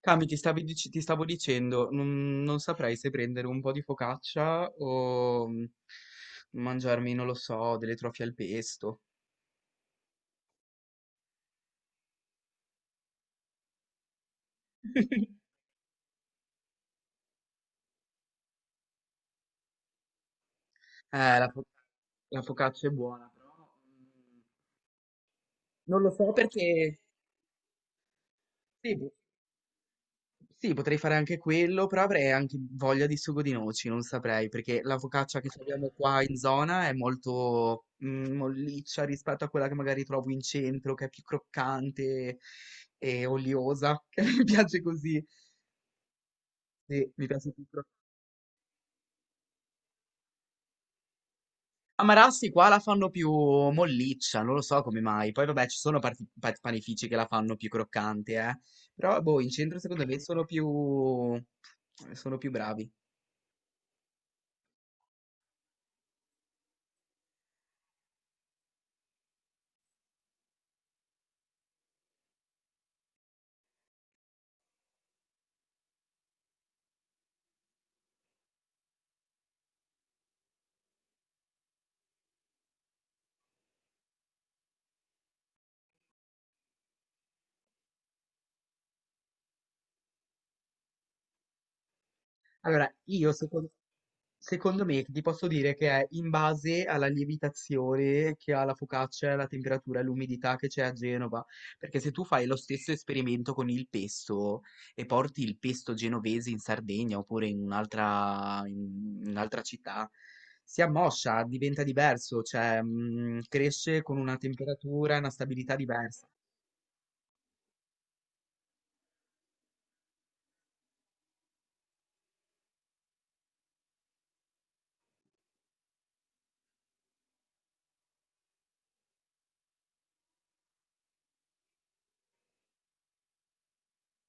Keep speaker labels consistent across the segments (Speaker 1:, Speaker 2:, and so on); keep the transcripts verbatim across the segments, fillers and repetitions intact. Speaker 1: Cami, ti stavi dic- ti stavo dicendo, non, non saprei se prendere un po' di focaccia o mm, mangiarmi, non lo so, delle trofie al pesto. Eh, la, fo- la focaccia è buona, però mm, non lo so perché... Sì, boh, sì, potrei fare anche quello, però avrei anche voglia di sugo di noci, non saprei, perché la focaccia che abbiamo qua in zona è molto mm, molliccia rispetto a quella che magari trovo in centro, che è più croccante e oliosa, che mi piace così. Sì, mi piace più croccante. A Marassi qua la fanno più molliccia, non lo so come mai. Poi vabbè, ci sono parti- pa- panifici che la fanno più croccante, eh. Però boh, in centro secondo me sono più sono più bravi. Allora, io secondo Secondo me ti posso dire che è in base alla lievitazione che ha la focaccia, la temperatura e l'umidità che c'è a Genova, perché se tu fai lo stesso esperimento con il pesto e porti il pesto genovese in Sardegna oppure in un'altra in un'altra città, si ammoscia, diventa diverso, cioè mm, cresce con una temperatura e una stabilità diversa.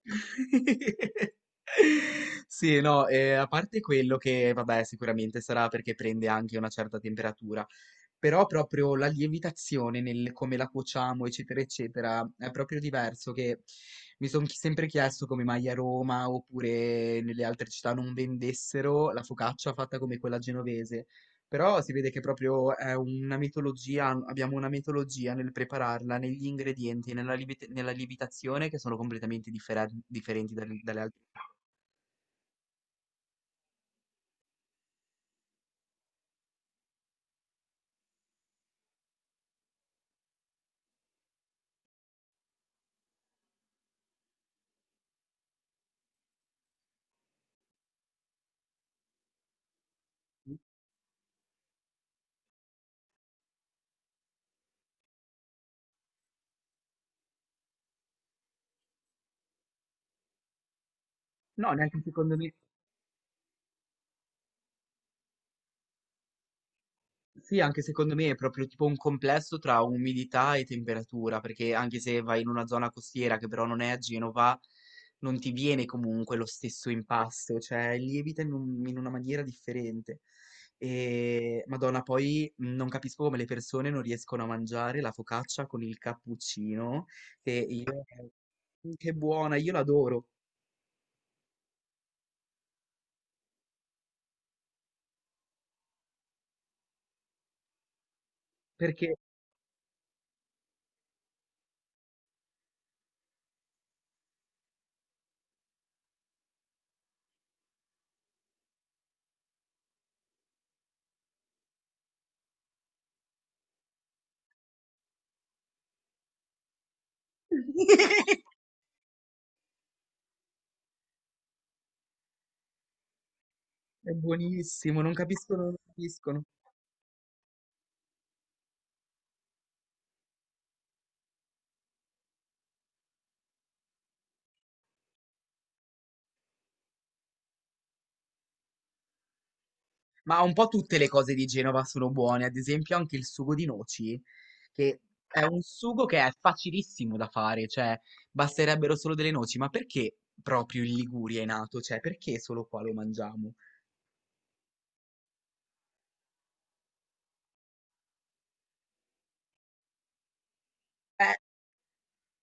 Speaker 1: Sì, no, eh, a parte quello che, vabbè, sicuramente sarà perché prende anche una certa temperatura. Però proprio la lievitazione nel come la cuociamo, eccetera, eccetera, è proprio diverso che mi sono sempre chiesto come mai a Roma oppure nelle altre città non vendessero la focaccia fatta come quella genovese. Però si vede che proprio è una mitologia, abbiamo una mitologia nel prepararla, negli ingredienti, nella, lievit- nella lievitazione che sono completamente differen- differenti dalle dalle altre. No, neanche secondo me. Sì, anche secondo me è proprio tipo un complesso tra umidità e temperatura, perché anche se vai in una zona costiera che però non è a Genova, non ti viene comunque lo stesso impasto, cioè lievita in, un- in una maniera differente. E Madonna, poi mh, non capisco come le persone non riescono a mangiare la focaccia con il cappuccino, che io... Che buona, io l'adoro, perché è buonissimo, non capiscono, non capiscono. Ma un po' tutte le cose di Genova sono buone, ad esempio anche il sugo di noci, che è un sugo che è facilissimo da fare, cioè basterebbero solo delle noci, ma perché proprio in Liguria è nato? Cioè perché solo qua lo mangiamo? Eh,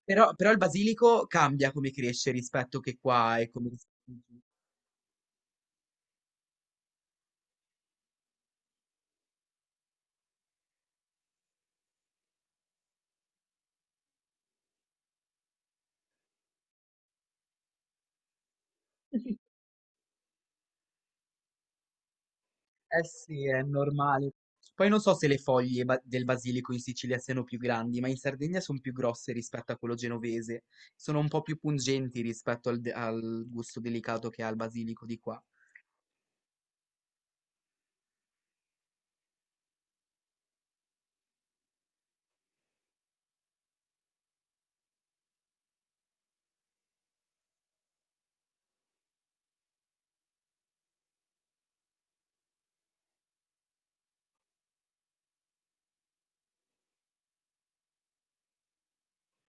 Speaker 1: però, però il basilico cambia come cresce rispetto che qua e come... Eh sì, è normale. Poi non so se le foglie ba- del basilico in Sicilia siano più grandi, ma in Sardegna sono più grosse rispetto a quello genovese. Sono un po' più pungenti rispetto al, de- al gusto delicato che ha il basilico di qua.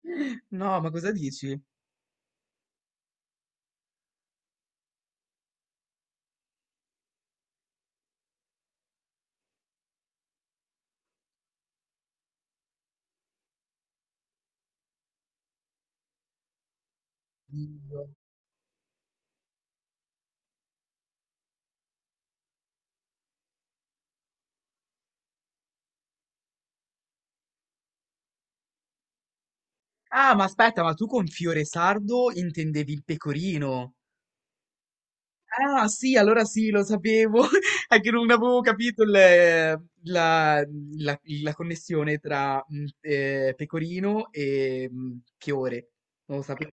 Speaker 1: No, ma cosa dici? Dio. Ah, ma aspetta, ma tu con fiore sardo intendevi il pecorino? Ah sì, allora sì, lo sapevo, è che non avevo capito il- la, la- la connessione tra mh, eh, pecorino e mh, fiore, non lo sapevo.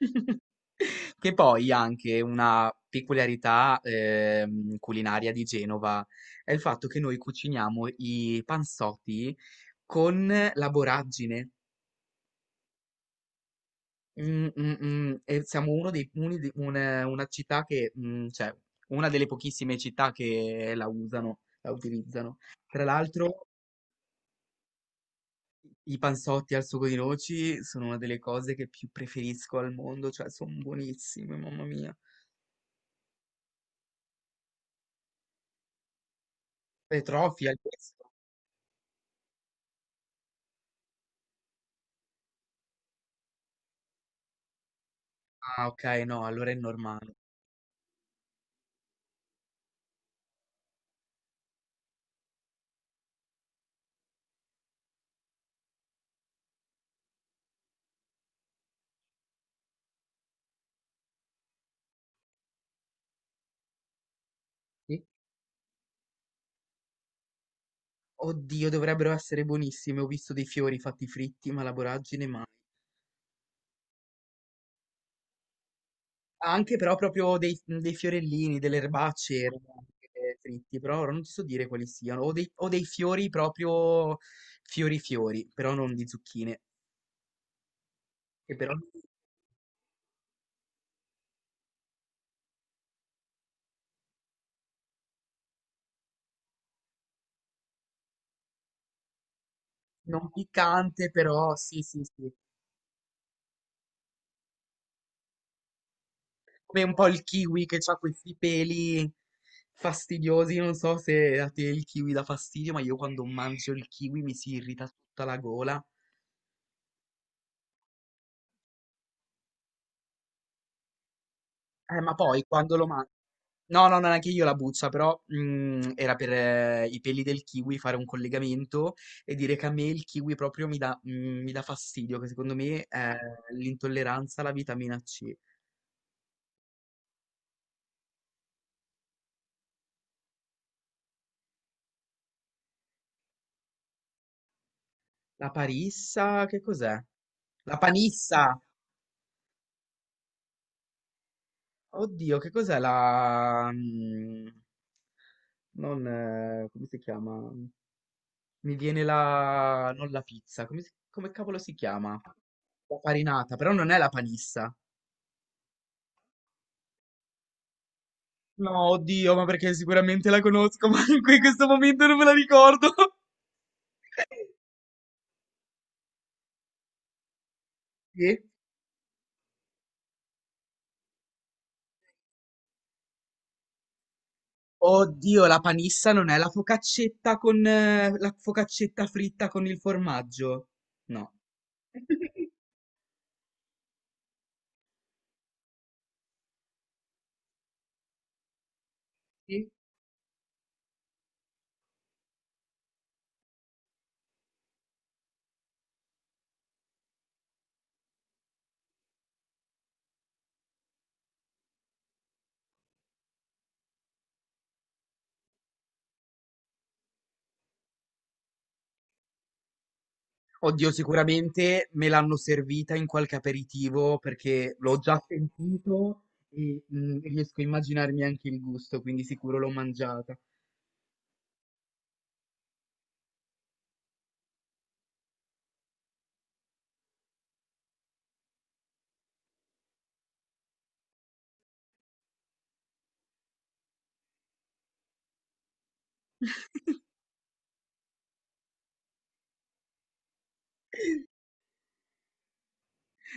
Speaker 1: Che poi anche una peculiarità ehm, culinaria di Genova è il fatto che noi cuciniamo i pansotti con la borragine. Mh, mh, mh, e siamo uno dei uni di un una città che, mhmm, cioè una delle pochissime città che la usano, la utilizzano. Tra l'altro i panzotti al sugo di noci sono una delle cose che più preferisco al mondo, cioè son buonissime, mamma mia. Petrofia questo? Ah, okay, no, allora è normale. Sì? Oddio, dovrebbero essere buonissime. Ho visto dei fiori fatti fritti, ma la voragine mai. Anche però proprio dei, dei fiorellini, delle erbacce erano anche fritti, però ora non ti so dire quali siano, o dei, o dei fiori proprio fiori fiori, però non di zucchine, che però non piccante, però sì sì sì, come un po' il kiwi che ha questi peli fastidiosi, non so se a te il kiwi dà fastidio, ma io quando mangio il kiwi mi si irrita tutta la gola, eh ma poi quando lo mangio no, no, no, neanche io la buzza, però mm, era per eh, i peli del kiwi fare un collegamento e dire che a me il kiwi proprio mi dà, mm, mi dà fastidio, che secondo me è l'intolleranza alla vitamina ci. La parissa, che cos'è? La panissa! Oddio, che cos'è la... mm, non... eh, come si chiama? Mi viene la... non la pizza, come, si- come cavolo si chiama? La farinata, però non è la panissa. No, oddio, ma perché sicuramente la conosco, ma in que- questo momento non me la ricordo. Sì? Oddio, la panissa non è la focaccetta con eh, la focaccetta fritta con il formaggio? No. Sì? Oddio, sicuramente me l'hanno servita in qualche aperitivo perché l'ho già sentito e mm, riesco a immaginarmi anche il gusto, quindi sicuro l'ho mangiata.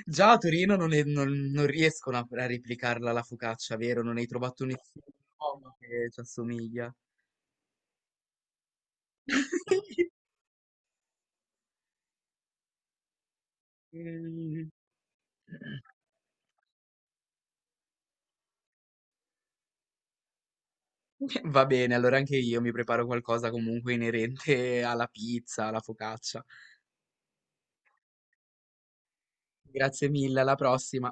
Speaker 1: Già a Torino non, è- non- non riescono a, a replicarla la focaccia, vero? Non hai trovato nessuno che ci assomiglia. Mm. Va bene, allora anche io mi preparo qualcosa comunque inerente alla pizza, alla focaccia. Grazie mille, alla prossima.